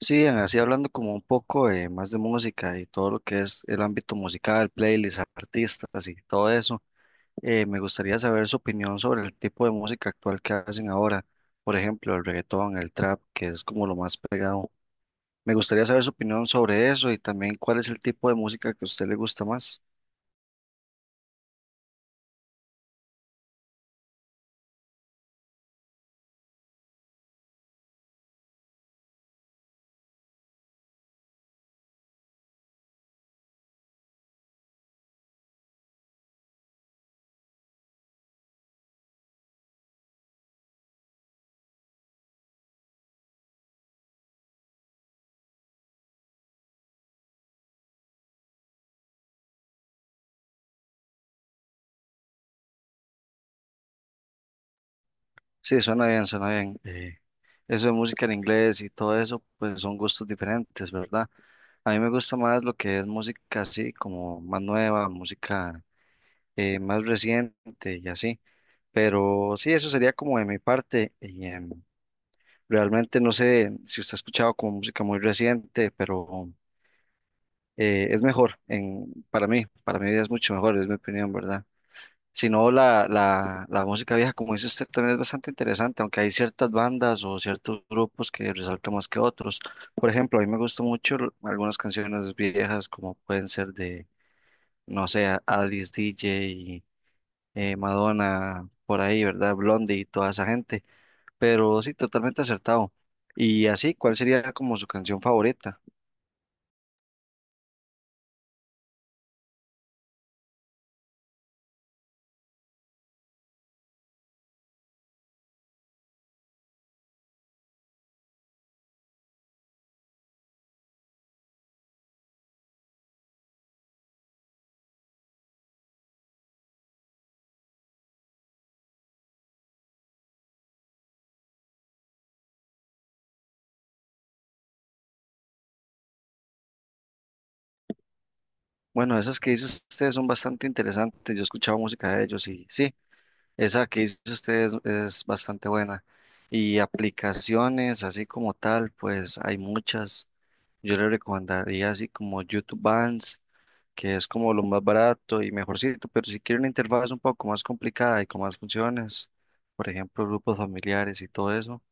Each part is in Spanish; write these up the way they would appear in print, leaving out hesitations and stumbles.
Sí, así hablando como un poco más de música y todo lo que es el ámbito musical, playlists, artistas y todo eso, me gustaría saber su opinión sobre el tipo de música actual que hacen ahora, por ejemplo, el reggaetón, el trap, que es como lo más pegado. Me gustaría saber su opinión sobre eso y también cuál es el tipo de música que a usted le gusta más. Sí, suena bien, suena bien. Eso de música en inglés y todo eso, pues son gustos diferentes, ¿verdad? A mí me gusta más lo que es música así, como más nueva, música más reciente y así. Pero sí, eso sería como de mi parte. Realmente no sé si usted ha escuchado como música muy reciente, pero es mejor en, para mí es mucho mejor, es mi opinión, ¿verdad? Si no, la música vieja, como dice usted, también es bastante interesante, aunque hay ciertas bandas o ciertos grupos que resaltan más que otros. Por ejemplo, a mí me gustan mucho algunas canciones viejas, como pueden ser de, no sé, Alice DJ, Madonna, por ahí, ¿verdad? Blondie y toda esa gente. Pero sí, totalmente acertado. Y así, ¿cuál sería como su canción favorita? Bueno, esas que dice usted son bastante interesantes. Yo he escuchado música de ellos y sí, esa que dice usted es bastante buena. Y aplicaciones, así como tal, pues hay muchas. Yo le recomendaría así como YouTube Bands, que es como lo más barato y mejorcito, pero si quiere una interfaz un poco más complicada y con más funciones, por ejemplo, grupos familiares y todo eso,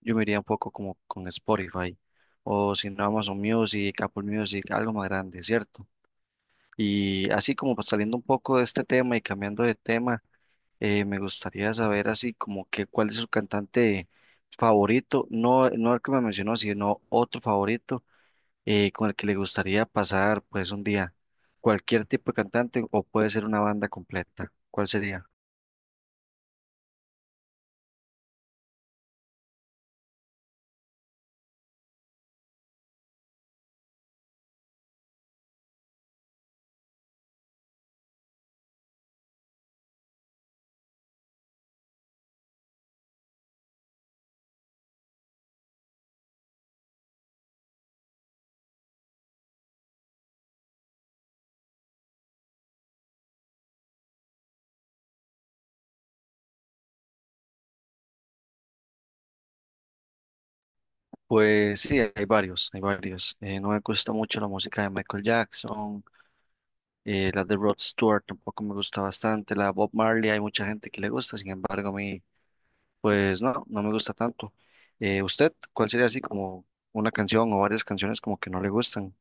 yo me iría un poco como con Spotify o si no Amazon Music, Apple Music, algo más grande, ¿cierto? Y así como pues, saliendo un poco de este tema y cambiando de tema, me gustaría saber así como que cuál es su cantante favorito, no, no el que me mencionó, sino otro favorito, ¿con el que le gustaría pasar pues un día? ¿Cualquier tipo de cantante o puede ser una banda completa? ¿Cuál sería? Pues sí, hay varios, hay varios. No me gusta mucho la música de Michael Jackson, la de Rod Stewart tampoco me gusta bastante, la de Bob Marley hay mucha gente que le gusta, sin embargo a mí pues no, no me gusta tanto. ¿Usted cuál sería así como una canción o varias canciones como que no le gustan?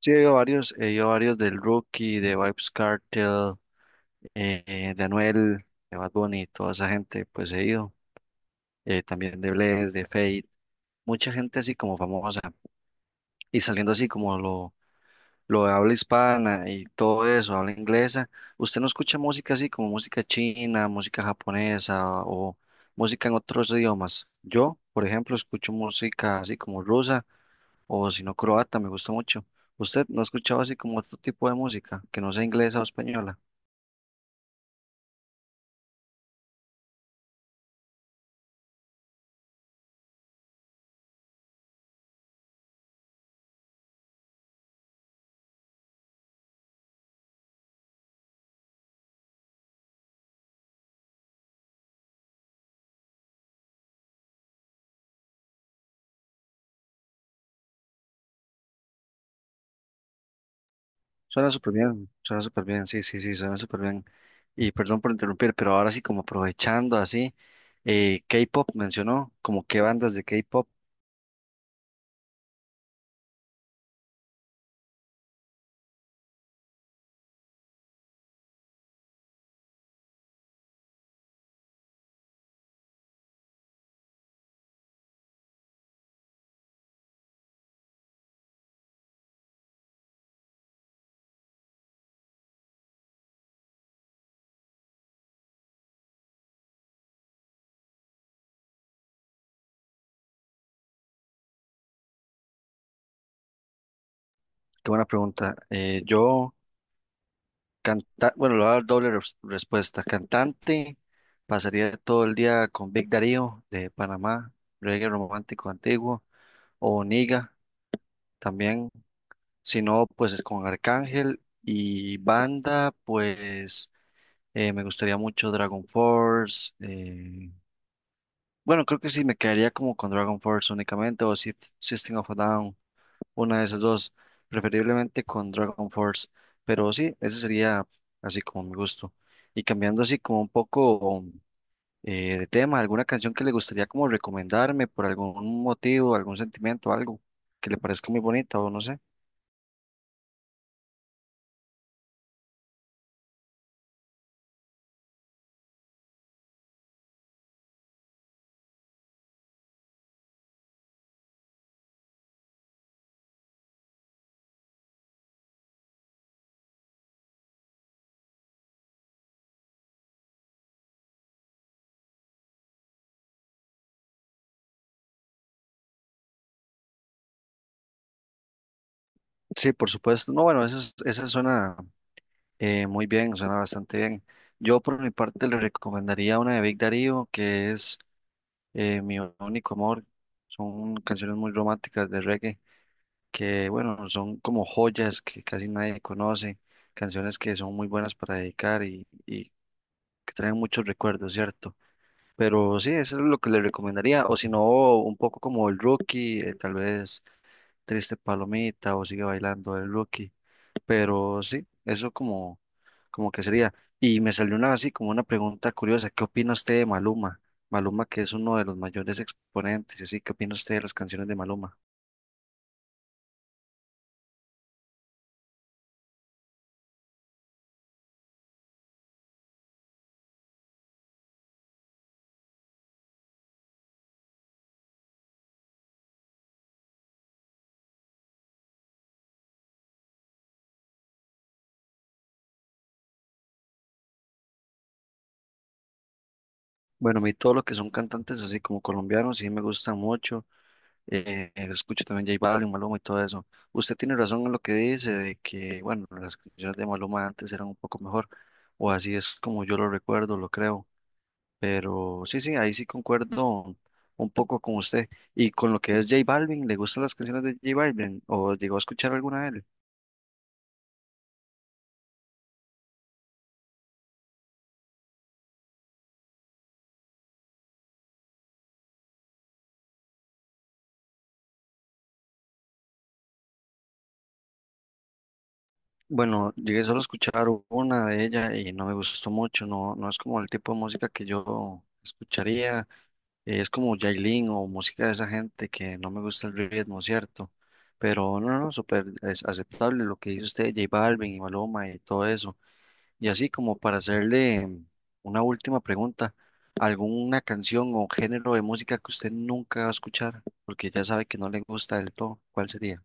Sí, he oído varios del Rookie, de Vybz Kartel, de Anuel, de Bad Bunny, toda esa gente, pues he ido, también de Bless, de Fate, mucha gente así como famosa, y saliendo así como lo de habla hispana y todo eso, habla inglesa, ¿usted no escucha música así como música china, música japonesa o música en otros idiomas? Yo, por ejemplo, escucho música así como rusa o si no croata, me gusta mucho. ¿Usted no ha escuchado así como otro tipo de música que no sea inglesa o española? Suena súper bien, sí, sí, sí, suena súper bien. Y perdón por interrumpir, pero ahora sí, como aprovechando así, K-pop mencionó, ¿como qué bandas de K-pop? Qué buena pregunta. Yo, canta, bueno, le voy a dar doble respuesta. Cantante, pasaría todo el día con Big Darío de Panamá, reggae romántico antiguo, o Niga también, si no, pues con Arcángel y banda, pues me gustaría mucho Dragon Force. Bueno, creo que sí me quedaría como con Dragon Force únicamente o System of a Down, una de esas dos, preferiblemente con Dragon Force, pero sí, ese sería así como mi gusto. Y cambiando así como un poco, de tema, ¿alguna canción que le gustaría como recomendarme por algún motivo, algún sentimiento, algo que le parezca muy bonita o no sé? Sí, por supuesto. No, bueno, esa, esa suena muy bien, suena bastante bien. Yo por mi parte le recomendaría una de Big Darío que es... Mi único amor. Son canciones muy románticas de reggae que, bueno, son como joyas que casi nadie conoce, canciones que son muy buenas para dedicar y que traen muchos recuerdos, ¿cierto? Pero sí, eso es lo que le recomendaría. O si no, un poco como el Rookie, tal vez Triste Palomita o Sigue Bailando el Rookie. Pero sí, eso como, como que sería. Y me salió una así como una pregunta curiosa, ¿qué opina usted de Maluma? Maluma que es uno de los mayores exponentes, y así, ¿qué opina usted de las canciones de Maluma? Bueno, a mí todo lo que son cantantes así como colombianos, sí me gusta mucho, escucho también J Balvin, Maluma y todo eso. Usted tiene razón en lo que dice, de que, bueno, las canciones de Maluma antes eran un poco mejor, o así es como yo lo recuerdo, lo creo. Pero sí, sí, ahí sí concuerdo un poco con usted. Y con lo que es J Balvin, ¿le gustan las canciones de J Balvin? ¿O llegó a escuchar alguna de él? Bueno, llegué solo a escuchar una de ella y no me gustó mucho. No, no es como el tipo de música que yo escucharía. Es como Yailin o música de esa gente que no me gusta el ritmo, ¿cierto? Pero no, no, súper es aceptable lo que dice usted, J Balvin y Maluma y todo eso. Y así como para hacerle una última pregunta, ¿alguna canción o género de música que usted nunca va a escuchar? Porque ya sabe que no le gusta del todo, ¿cuál sería?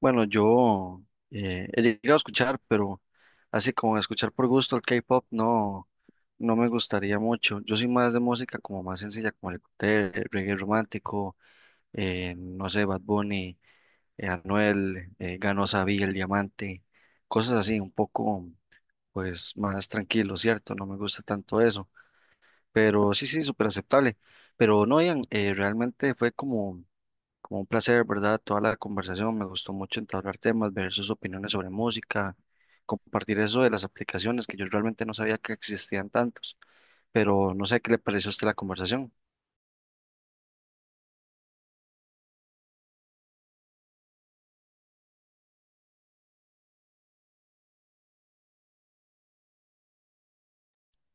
Bueno, yo, he llegado a escuchar, pero así como escuchar por gusto el K-pop, no, no me gustaría mucho. Yo soy más de música como más sencilla, como el, cóctel, el reggae romántico, no sé, Bad Bunny, Anuel, Ganó Sabí, El Diamante, cosas así, un poco pues más tranquilo, ¿cierto? No me gusta tanto eso, pero sí, sí, súper aceptable. Pero no, Ian, realmente fue como, como un placer, ¿verdad? Toda la conversación, me gustó mucho entablar temas, ver sus opiniones sobre música, compartir eso de las aplicaciones que yo realmente no sabía que existían tantos, pero no sé qué le pareció a usted la conversación.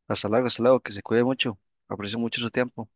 Hasta luego, que se cuide mucho, aprecio mucho su tiempo.